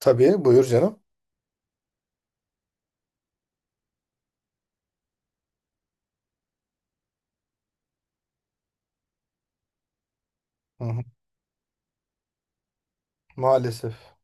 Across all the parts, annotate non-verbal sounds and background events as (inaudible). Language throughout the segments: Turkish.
Tabii buyur canım. Hı hı. Maalesef.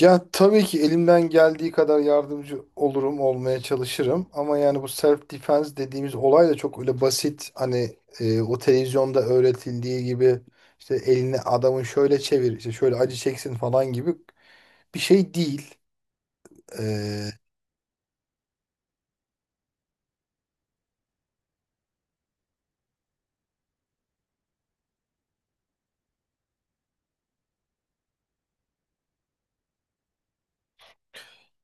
Ya tabii ki elimden geldiği kadar yardımcı olurum, olmaya çalışırım. Ama yani bu self defense dediğimiz olay da çok öyle basit. Hani o televizyonda öğretildiği gibi işte elini adamın şöyle çevir, işte şöyle acı çeksin falan gibi bir şey değil. Ee,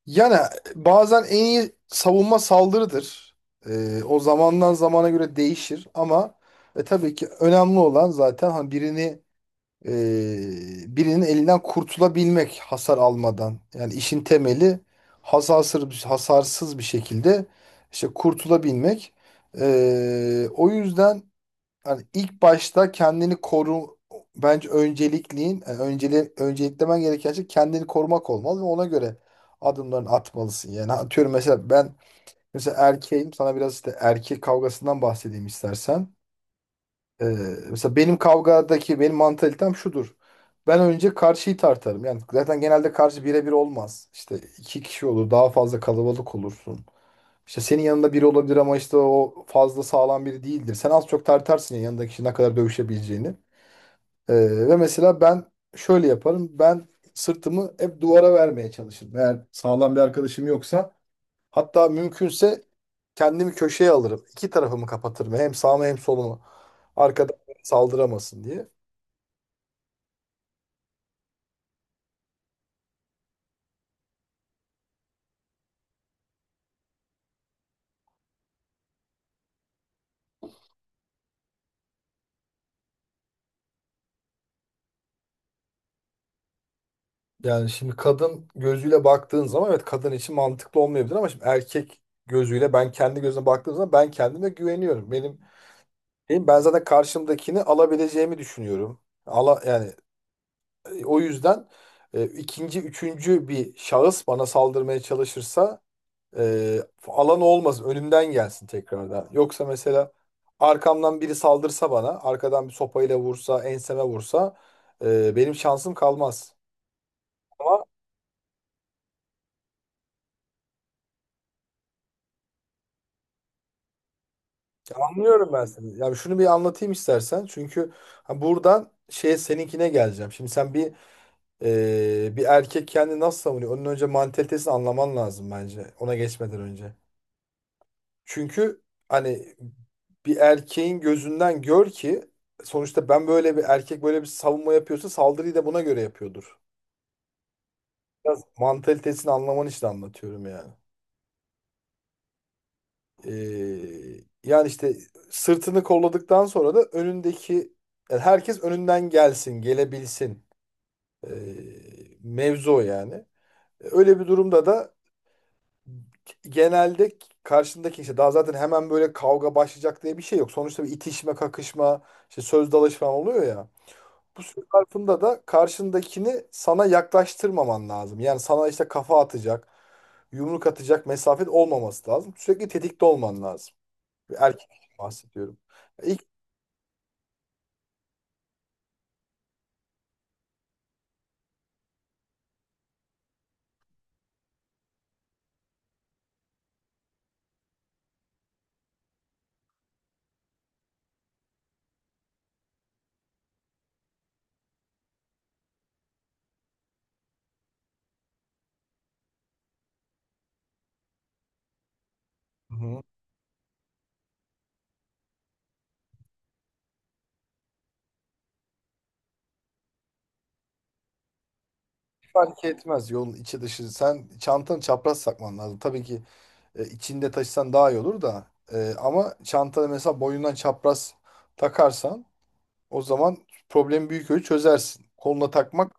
Yani bazen en iyi savunma saldırıdır. O zamandan zamana göre değişir ama tabii ki önemli olan zaten hani birinin elinden kurtulabilmek hasar almadan. Yani işin temeli hasarsız bir şekilde işte kurtulabilmek. O yüzden hani ilk başta kendini koru bence öncelikliğin yani önceliklemen gereken şey kendini korumak olmalı ve ona göre adımlarını atmalısın. Yani atıyorum mesela ben mesela erkeğim, sana biraz işte erkek kavgasından bahsedeyim istersen. Ee, Mesela benim kavgadaki benim mantalitem şudur. Ben önce karşıyı tartarım. Yani zaten genelde karşı birebir olmaz. İşte iki kişi olur, daha fazla kalabalık olursun. İşte senin yanında biri olabilir ama işte o fazla sağlam biri değildir. Sen az çok tartarsın ya yanındaki kişi ne kadar dövüşebileceğini. Ve mesela ben şöyle yaparım. Ben sırtımı hep duvara vermeye çalışırım. Eğer sağlam bir arkadaşım yoksa, hatta mümkünse, kendimi köşeye alırım. İki tarafımı kapatırım. Hem sağımı hem solumu. Arkadan saldıramasın diye. Yani şimdi kadın gözüyle baktığın zaman evet kadın için mantıklı olmayabilir ama şimdi erkek gözüyle ben kendi gözüme baktığım zaman ben kendime güveniyorum. Ben zaten karşımdakini alabileceğimi düşünüyorum. Yani o yüzden ikinci, üçüncü bir şahıs bana saldırmaya çalışırsa Ee, alan olmasın. Önümden gelsin tekrardan. Yoksa mesela arkamdan biri saldırsa bana, arkadan bir sopayla vursa, enseme vursa, benim şansım kalmaz. Ama anlıyorum ben seni. Ya şunu bir anlatayım istersen. Çünkü ha, buradan şey seninkine geleceğim. Şimdi bir erkek kendini nasıl savunuyor? Onun önce mantalitesini anlaman lazım bence. Ona geçmeden önce. Çünkü hani bir erkeğin gözünden gör ki sonuçta ben böyle, bir erkek böyle bir savunma yapıyorsa saldırıyı da buna göre yapıyordur. Biraz mantalitesini anlaman için anlatıyorum yani. Yani işte sırtını kolladıktan sonra da önündeki, yani herkes önünden gelsin, gelebilsin. Ee, Mevzu o yani. Öyle bir durumda da genelde karşındaki işte, daha zaten hemen böyle kavga başlayacak diye bir şey yok. Sonuçta bir itişme, kakışma, işte söz dalaşı falan oluyor ya. Bu süre zarfında da karşındakini sana yaklaştırmaman lazım. Yani sana işte kafa atacak, yumruk atacak mesafet olmaması lazım. Sürekli tetikte olman lazım. Bir erkek için bahsediyorum. İlk Hı hı. Fark etmez yolun içi dışı. Sen çantanı çapraz sakman lazım. Tabii ki. İçinde taşısan daha iyi olur da. Ama çantada mesela boyundan çapraz takarsan, o zaman problemi büyük ölçü çözersin. Koluna takmak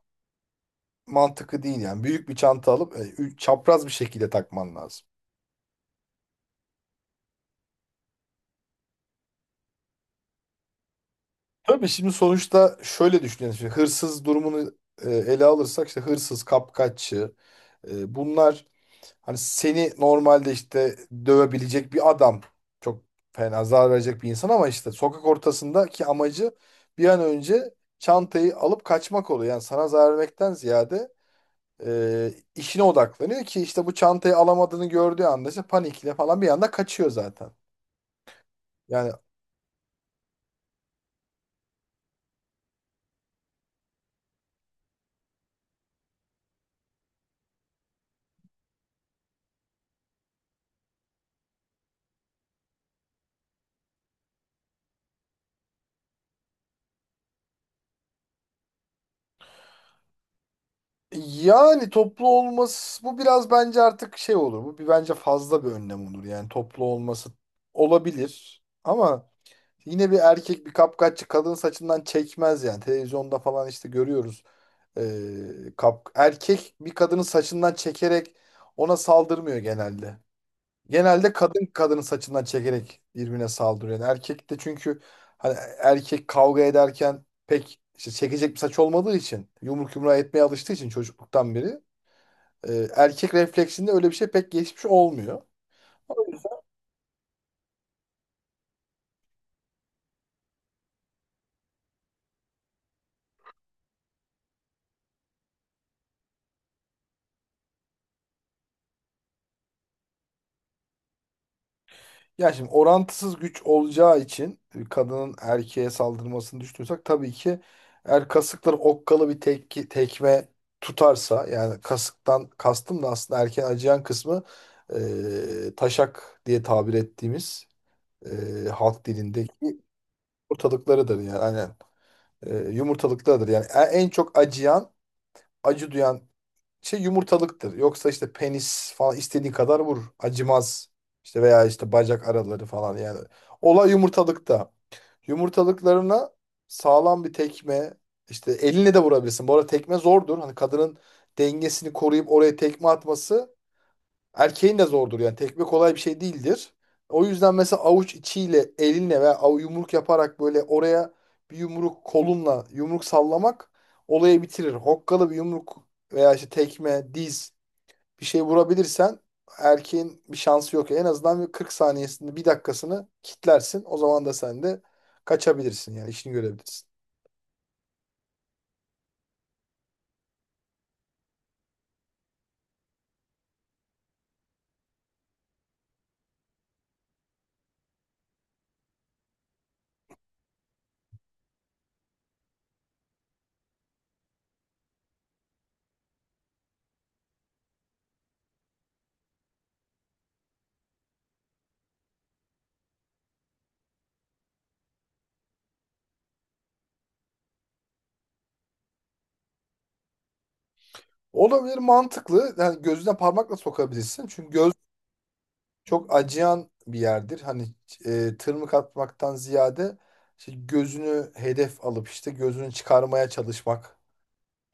mantıklı değil yani. Büyük bir çanta alıp çapraz bir şekilde takman lazım. Tabii şimdi sonuçta şöyle düşünelim. Şimdi hırsız durumunu ele alırsak, işte hırsız, kapkaççı, bunlar hani seni normalde işte dövebilecek bir adam, çok fena zarar verecek bir insan, ama işte sokak ortasındaki amacı bir an önce çantayı alıp kaçmak oluyor. Yani sana zarar vermekten ziyade işine odaklanıyor ki işte bu çantayı alamadığını gördüğü anda işte panikle falan bir anda kaçıyor zaten. Yani toplu olması bu biraz bence artık şey olur. Bu bence fazla bir önlem olur. Yani toplu olması olabilir ama yine bir erkek, bir kapkaççı, kadın saçından çekmez yani. Televizyonda falan işte görüyoruz. Kap Erkek bir kadının saçından çekerek ona saldırmıyor genelde. Genelde kadın kadının saçından çekerek birbirine saldırıyor. Yani erkek de çünkü hani erkek kavga ederken pek işte çekecek bir saç olmadığı için, yumruk yumruğa etmeye alıştığı için çocukluktan beri, erkek refleksinde öyle bir şey pek geçmiş olmuyor. Ya şimdi orantısız güç olacağı için, kadının erkeğe saldırmasını düşünüyorsak, tabii ki eğer kasıkları okkalı bir tekme tutarsa, yani kasıktan kastım da aslında erkeğin acıyan kısmı, taşak diye tabir ettiğimiz, halk dilindeki yumurtalıklarıdır yani. Aynen. Yumurtalıklarıdır yani. En çok acıyan, acı duyan şey yumurtalıktır. Yoksa işte penis falan istediğin kadar vur. Acımaz. İşte veya işte bacak araları falan yani. Olay yumurtalıkta. Yumurtalıklarına sağlam bir tekme, işte eline de vurabilirsin. Bu arada tekme zordur. Hani kadının dengesini koruyup oraya tekme atması, erkeğin de zordur. Yani tekme kolay bir şey değildir. O yüzden mesela avuç içiyle elinle veya yumruk yaparak böyle oraya bir yumruk, kolunla yumruk sallamak olayı bitirir. Hokkalı bir yumruk veya işte tekme, diz, bir şey vurabilirsen erkeğin bir şansı yok. En azından bir 40 saniyesinde bir dakikasını kitlersin. O zaman da sen de kaçabilirsin, yani işini görebilirsin. Olabilir, mantıklı. Yani gözüne parmakla sokabilirsin. Çünkü göz çok acıyan bir yerdir. Hani tırmık atmaktan ziyade işte gözünü hedef alıp işte gözünü çıkarmaya çalışmak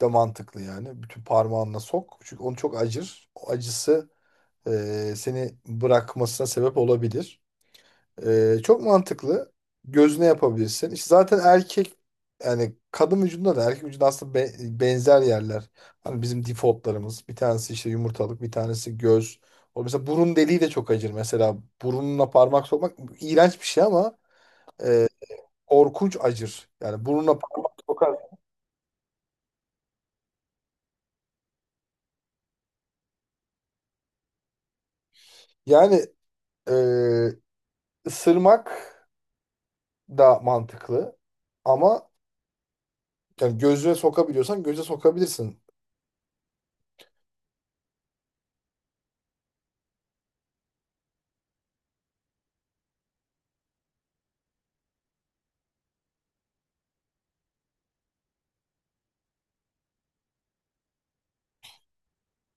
da mantıklı yani. Bütün parmağınla sok. Çünkü onu çok acır. O acısı seni bırakmasına sebep olabilir. Çok mantıklı. Gözüne yapabilirsin. İşte zaten erkek, yani kadın vücudunda da erkek vücudunda aslında benzer yerler. Hani bizim defaultlarımız. Bir tanesi işte yumurtalık, bir tanesi göz. O mesela burun deliği de çok acır. Mesela burunla parmak sokmak iğrenç bir şey ama e, korkunç acır. Yani burunla parmak sokar. Yani e, ısırmak da mantıklı ama yani gözüne sokabiliyorsan göze sokabilirsin.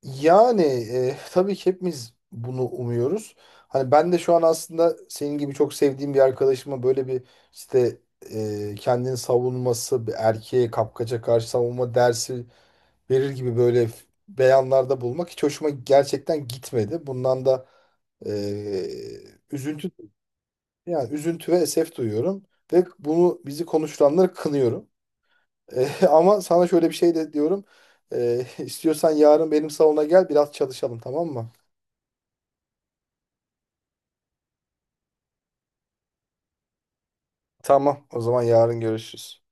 Yani tabii ki hepimiz bunu umuyoruz. Hani ben de şu an aslında senin gibi çok sevdiğim bir arkadaşıma böyle bir işte kendini savunması, bir erkeğe kapkaca karşı savunma dersi verir gibi böyle beyanlarda bulmak hiç hoşuma gerçekten gitmedi. Bundan da e, üzüntü üzüntü ve esef duyuyorum ve bunu bizi konuşturanları kınıyorum. (laughs) Ama sana şöyle bir şey de diyorum. (laughs) İstiyorsan yarın benim salona gel, biraz çalışalım, tamam mı? Tamam, o zaman yarın görüşürüz.